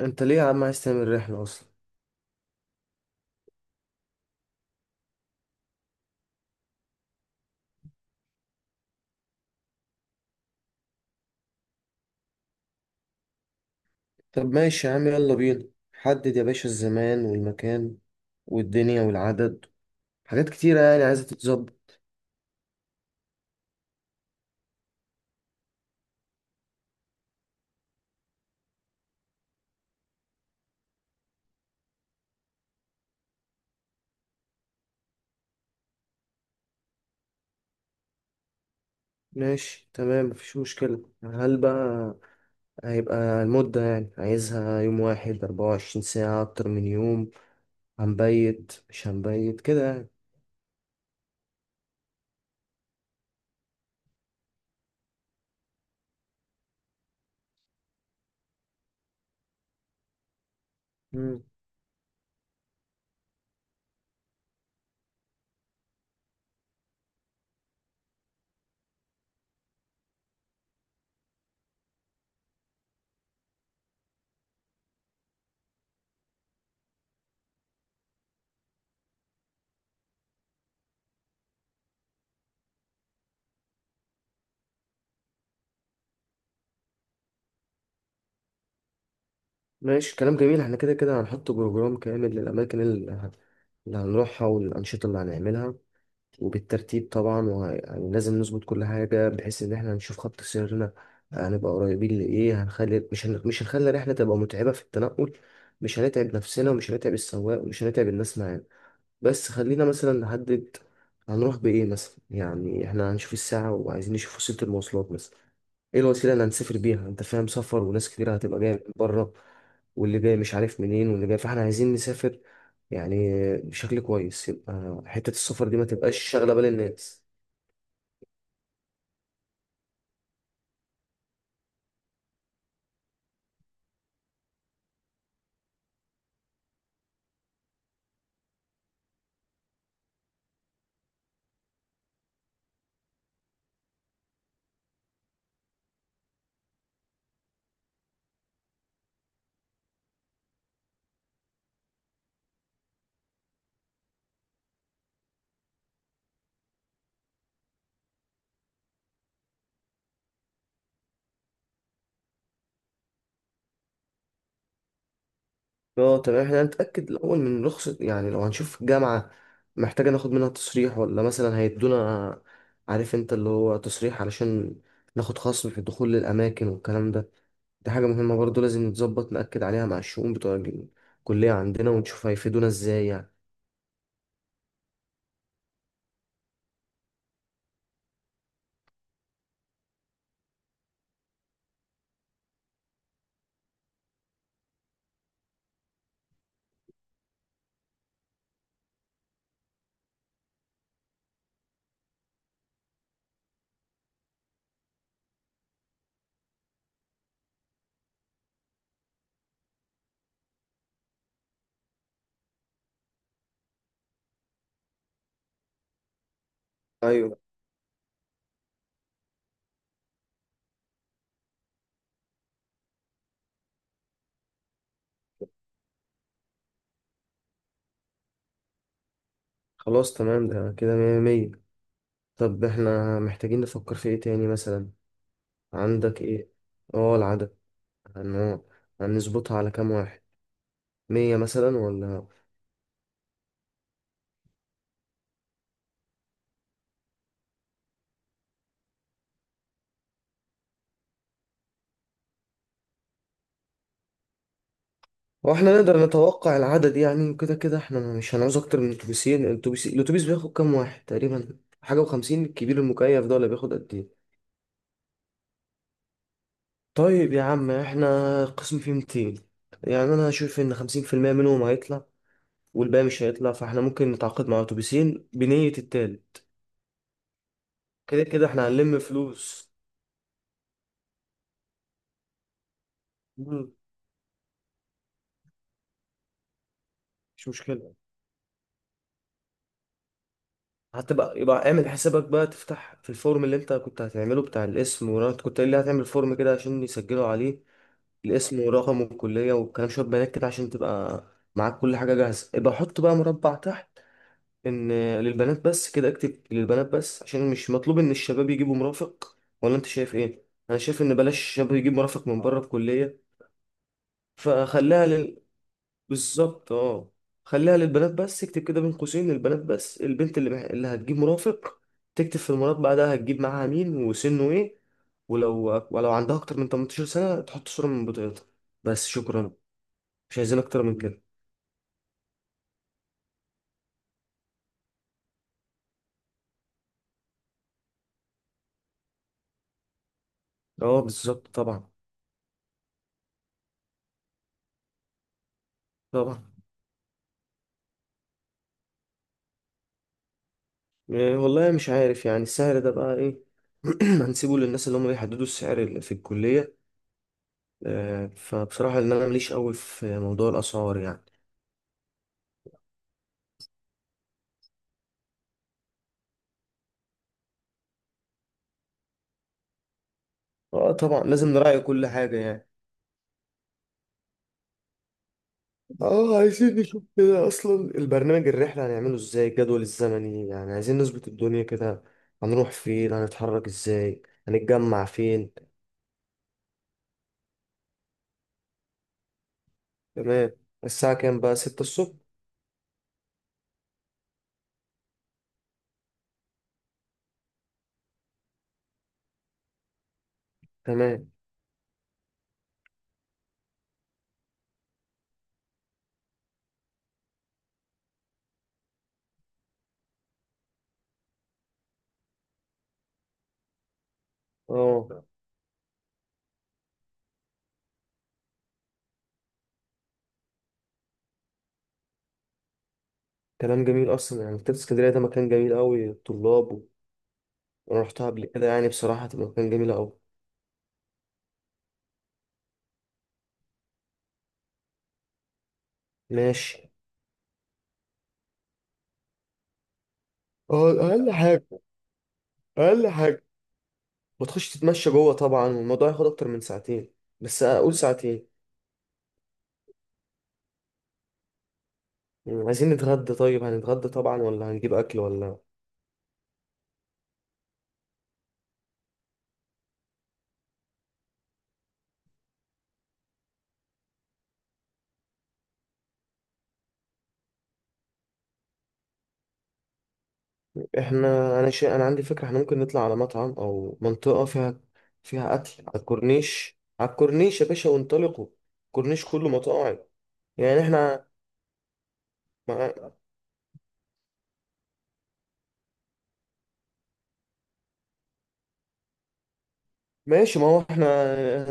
انت ليه يا عم عايز تعمل رحلة اصلا؟ طب ماشي يا عم، يلا بينا. حدد يا باشا الزمان والمكان والدنيا والعدد. حاجات كتيرة يعني عايزة تتظبط. ماشي تمام، مفيش مشكلة. هل بقى هيبقى المدة يعني عايزها يوم واحد، 24 ساعة، أكتر من يوم؟ هنبيت مش هنبيت كده يعني؟ مم. ماشي، كلام جميل، احنا كده كده هنحط بروجرام كامل للأماكن اللي هنروحها والأنشطة اللي هنعملها، وبالترتيب طبعا، ولازم نظبط كل حاجة بحيث إن إحنا هنشوف خط سيرنا هنبقى قريبين لإيه. هنخلي مش هنخلي الرحلة تبقى متعبة في التنقل، مش هنتعب نفسنا ومش هنتعب السواق ومش هنتعب الناس معانا. بس خلينا مثلا نحدد هنروح بإيه مثلا، يعني إحنا هنشوف الساعة وعايزين نشوف وسيلة المواصلات مثلا. إيه الوسيلة اللي هنسافر بيها؟ أنت فاهم، سفر وناس كتير هتبقى جاية من بره، واللي جاي مش عارف منين واللي جاي، فإحنا عايزين نسافر يعني بشكل كويس، يبقى حتة السفر دي ما تبقاش شاغلة بال الناس. اه تمام، احنا هنتأكد الأول من رخصة، يعني لو هنشوف الجامعة محتاجة ناخد منها تصريح، ولا مثلا هيدونا، عارف انت اللي هو تصريح علشان ناخد خصم في الدخول للأماكن والكلام ده. دي حاجة مهمة برضو، لازم نتظبط نأكد عليها مع الشؤون بتوع الكلية عندنا ونشوف هيفيدونا ازاي يعني. ايوه. خلاص تمام، ده كده مية مية. طب احنا محتاجين نفكر في ايه تاني مثلا؟ عندك ايه؟ اه، العدد. هن- هنظبطها على كام واحد؟ مية مثلا ولا؟ واحنا نقدر نتوقع العدد يعني؟ كده كده احنا مش هنعوز اكتر من اتوبيسين. الاتوبيس بياخد كام واحد تقريبا؟ حاجة وخمسين الكبير المكيف ده، ولا بياخد قد ايه؟ طيب يا عم، احنا القسم فيه 200، يعني انا هشوف ان 50% منهم هيطلع والباقي مش هيطلع، فاحنا ممكن نتعاقد مع اتوبيسين بنية التالت. كده كده احنا هنلم فلوس. مم. مش مشكلة. هتبقى، يبقى اعمل حسابك بقى، تفتح في الفورم اللي انت كنت هتعمله بتاع الاسم، وانت كنت قايل لي هتعمل فورم كده عشان يسجلوا عليه الاسم ورقم الكلية والكلام، شوية بيانات كده عشان تبقى معاك كل حاجة جاهزة. يبقى حط بقى مربع تحت إن للبنات بس، كده اكتب للبنات بس، عشان مش مطلوب إن الشباب يجيبوا مرافق. ولا أنت شايف إيه؟ أنا شايف إن بلاش الشباب يجيب مرافق من بره الكلية. فخليها لل... بالظبط أه. خليها للبنات بس، اكتب كده بين قوسين للبنات بس. البنت اللي اللي هتجيب مرافق تكتب في المربع ده هتجيب معاها مين وسنه إيه. ولو عندها أكتر من 18 سنة تحط صورة من بطاقتها. بس، شكرا. مش عايزين اكتر من كده. اه بالظبط، طبعا. طبعا. إيه والله، مش عارف يعني السعر ده بقى ايه. هنسيبه للناس اللي هم بيحددوا السعر اللي في الكلية. فبصراحة ان انا ماليش قوي في موضوع الاسعار يعني. اه طبعا، لازم نراعي كل حاجة يعني. اه، عايزين نشوف كده اصلا البرنامج الرحلة هنعمله ازاي، الجدول الزمني يعني، عايزين نظبط الدنيا كده. هنروح فين، هنتحرك ازاي، هنتجمع فين؟ تمام. الساعة كام بقى، ستة الصبح؟ تمام. اه، كلام جميل اصلا يعني، مكتبة اسكندرية ده مكان جميل قوي، الطلاب وانا رحتها قبل كده، يعني بصراحة تبقى مكان جميل قوي. ماشي. اه، اقل حاجه. اقل حاجه. وتخش تتمشى جوه طبعا، والموضوع ياخد اكتر من ساعتين، بس اقول ساعتين. عايزين نتغدى؟ طيب هنتغدى طبعا، ولا هنجيب اكل ولا؟ احنا، انا شيء، انا عندي فكرة، احنا ممكن نطلع على مطعم او منطقة فيها اكل على الكورنيش، على الكورنيش يا باشا وانطلقوا. الكورنيش كله مطاعم. يعني احنا، ماشي. ما هو احنا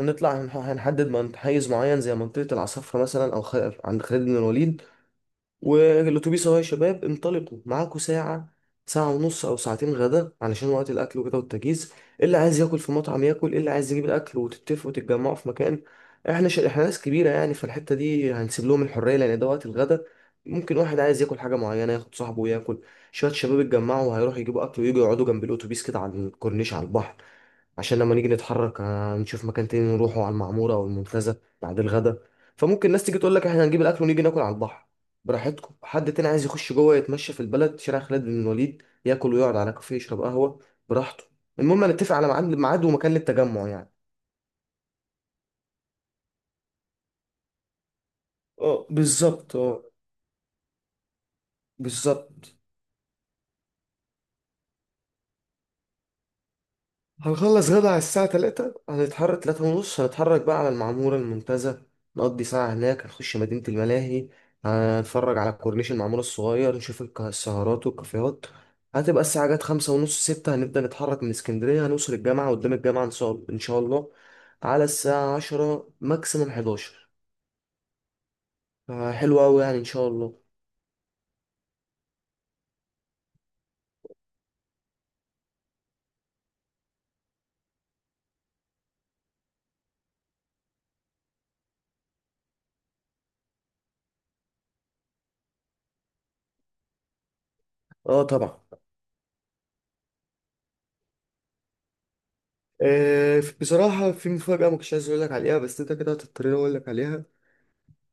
هنطلع، هنحدد من حيز معين زي منطقة العصفرة مثلا، عند خالد بن الوليد. والأتوبيس أهو، يا شباب انطلقوا، معاكوا ساعة، ساعة ونص أو ساعتين غدا علشان وقت الأكل وكده والتجهيز. إيه اللي عايز ياكل في مطعم ياكل، إيه اللي عايز يجيب الأكل وتتفقوا وتتجمعوا في مكان. احنا ناس كبيرة يعني، فالحتة دي هنسيب لهم الحرية، لأن ده وقت الغدا. ممكن واحد عايز ياكل حاجة معينة ياخد صاحبه وياكل، شوية شباب اتجمعوا وهيروحوا يجيبوا أكل ويجوا يقعدوا جنب الأتوبيس كده على الكورنيش على البحر، عشان لما نيجي نتحرك نشوف مكان تاني نروحه على المعمورة أو المنتزه بعد الغدا. فممكن الناس تيجي تقول لك احنا هنجيب الأكل ونيجي ناكل على البحر، براحتكم. حد تاني عايز يخش جوه يتمشى في البلد شارع خالد بن الوليد ياكل ويقعد على كافيه يشرب قهوة براحته. المهم نتفق على ميعاد ومكان للتجمع يعني. اه بالظبط. اه بالظبط. هنخلص غدا على الساعة تلاتة، هنتحرك تلاتة ونص، هنتحرك بقى على المعمورة المنتزه، نقضي ساعة هناك، هنخش مدينة الملاهي، هنتفرج على كورنيش المعمورة الصغير، نشوف السهرات والكافيهات. هتبقى الساعة جت خمسة ونص ستة هنبدأ نتحرك من اسكندرية، هنوصل الجامعة قدام الجامعة إن شاء الله على الساعة عشرة ماكسيمم حداشر. حلو أوي يعني إن شاء الله. اه طبعا. بصراحة في مفاجأة ما كنتش عايز أقول لك عليها، بس أنت كده هتضطرني أقول لك عليها.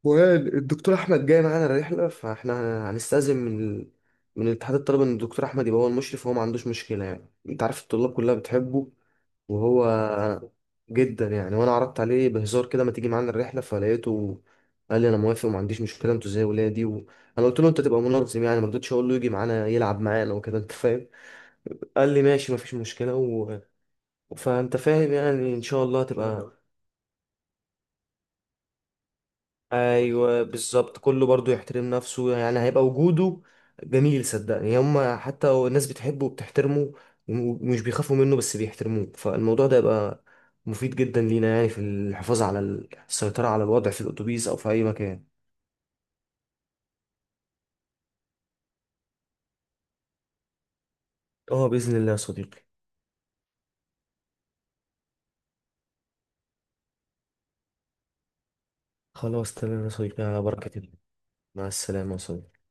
والدكتور احمد جاي معانا الرحله، فاحنا هنستأذن من اتحاد الطلبه ان الدكتور احمد يبقى هو المشرف، وهو ما عندوش مشكله. يعني انت عارف الطلاب كلها بتحبه. وهو جدا يعني، وانا عرضت عليه بهزار كده ما تيجي معانا الرحله، فلقيته قال لي انا موافق وما عنديش مشكله، انتوا زي ولادي. وانا قلت له انت تبقى منظم، يعني ما رضيتش اقول له يجي معانا يلعب معانا وكده، انت فاهم. قال لي ماشي، ما فيش مشكله فانت فاهم يعني، ان شاء الله تبقى. ايوه بالظبط، كله برضو يحترم نفسه، يعني هيبقى وجوده جميل، صدقني. هم حتى الناس بتحبه وبتحترمه ومش بيخافوا منه، بس بيحترموه. فالموضوع ده يبقى مفيد جدا لينا يعني في الحفاظ على السيطرة على الوضع في الأتوبيس أو في أي مكان. اه بإذن الله يا صديقي. خلاص تمام يا صديقي، على بركة الله. مع السلامة يا صديقي.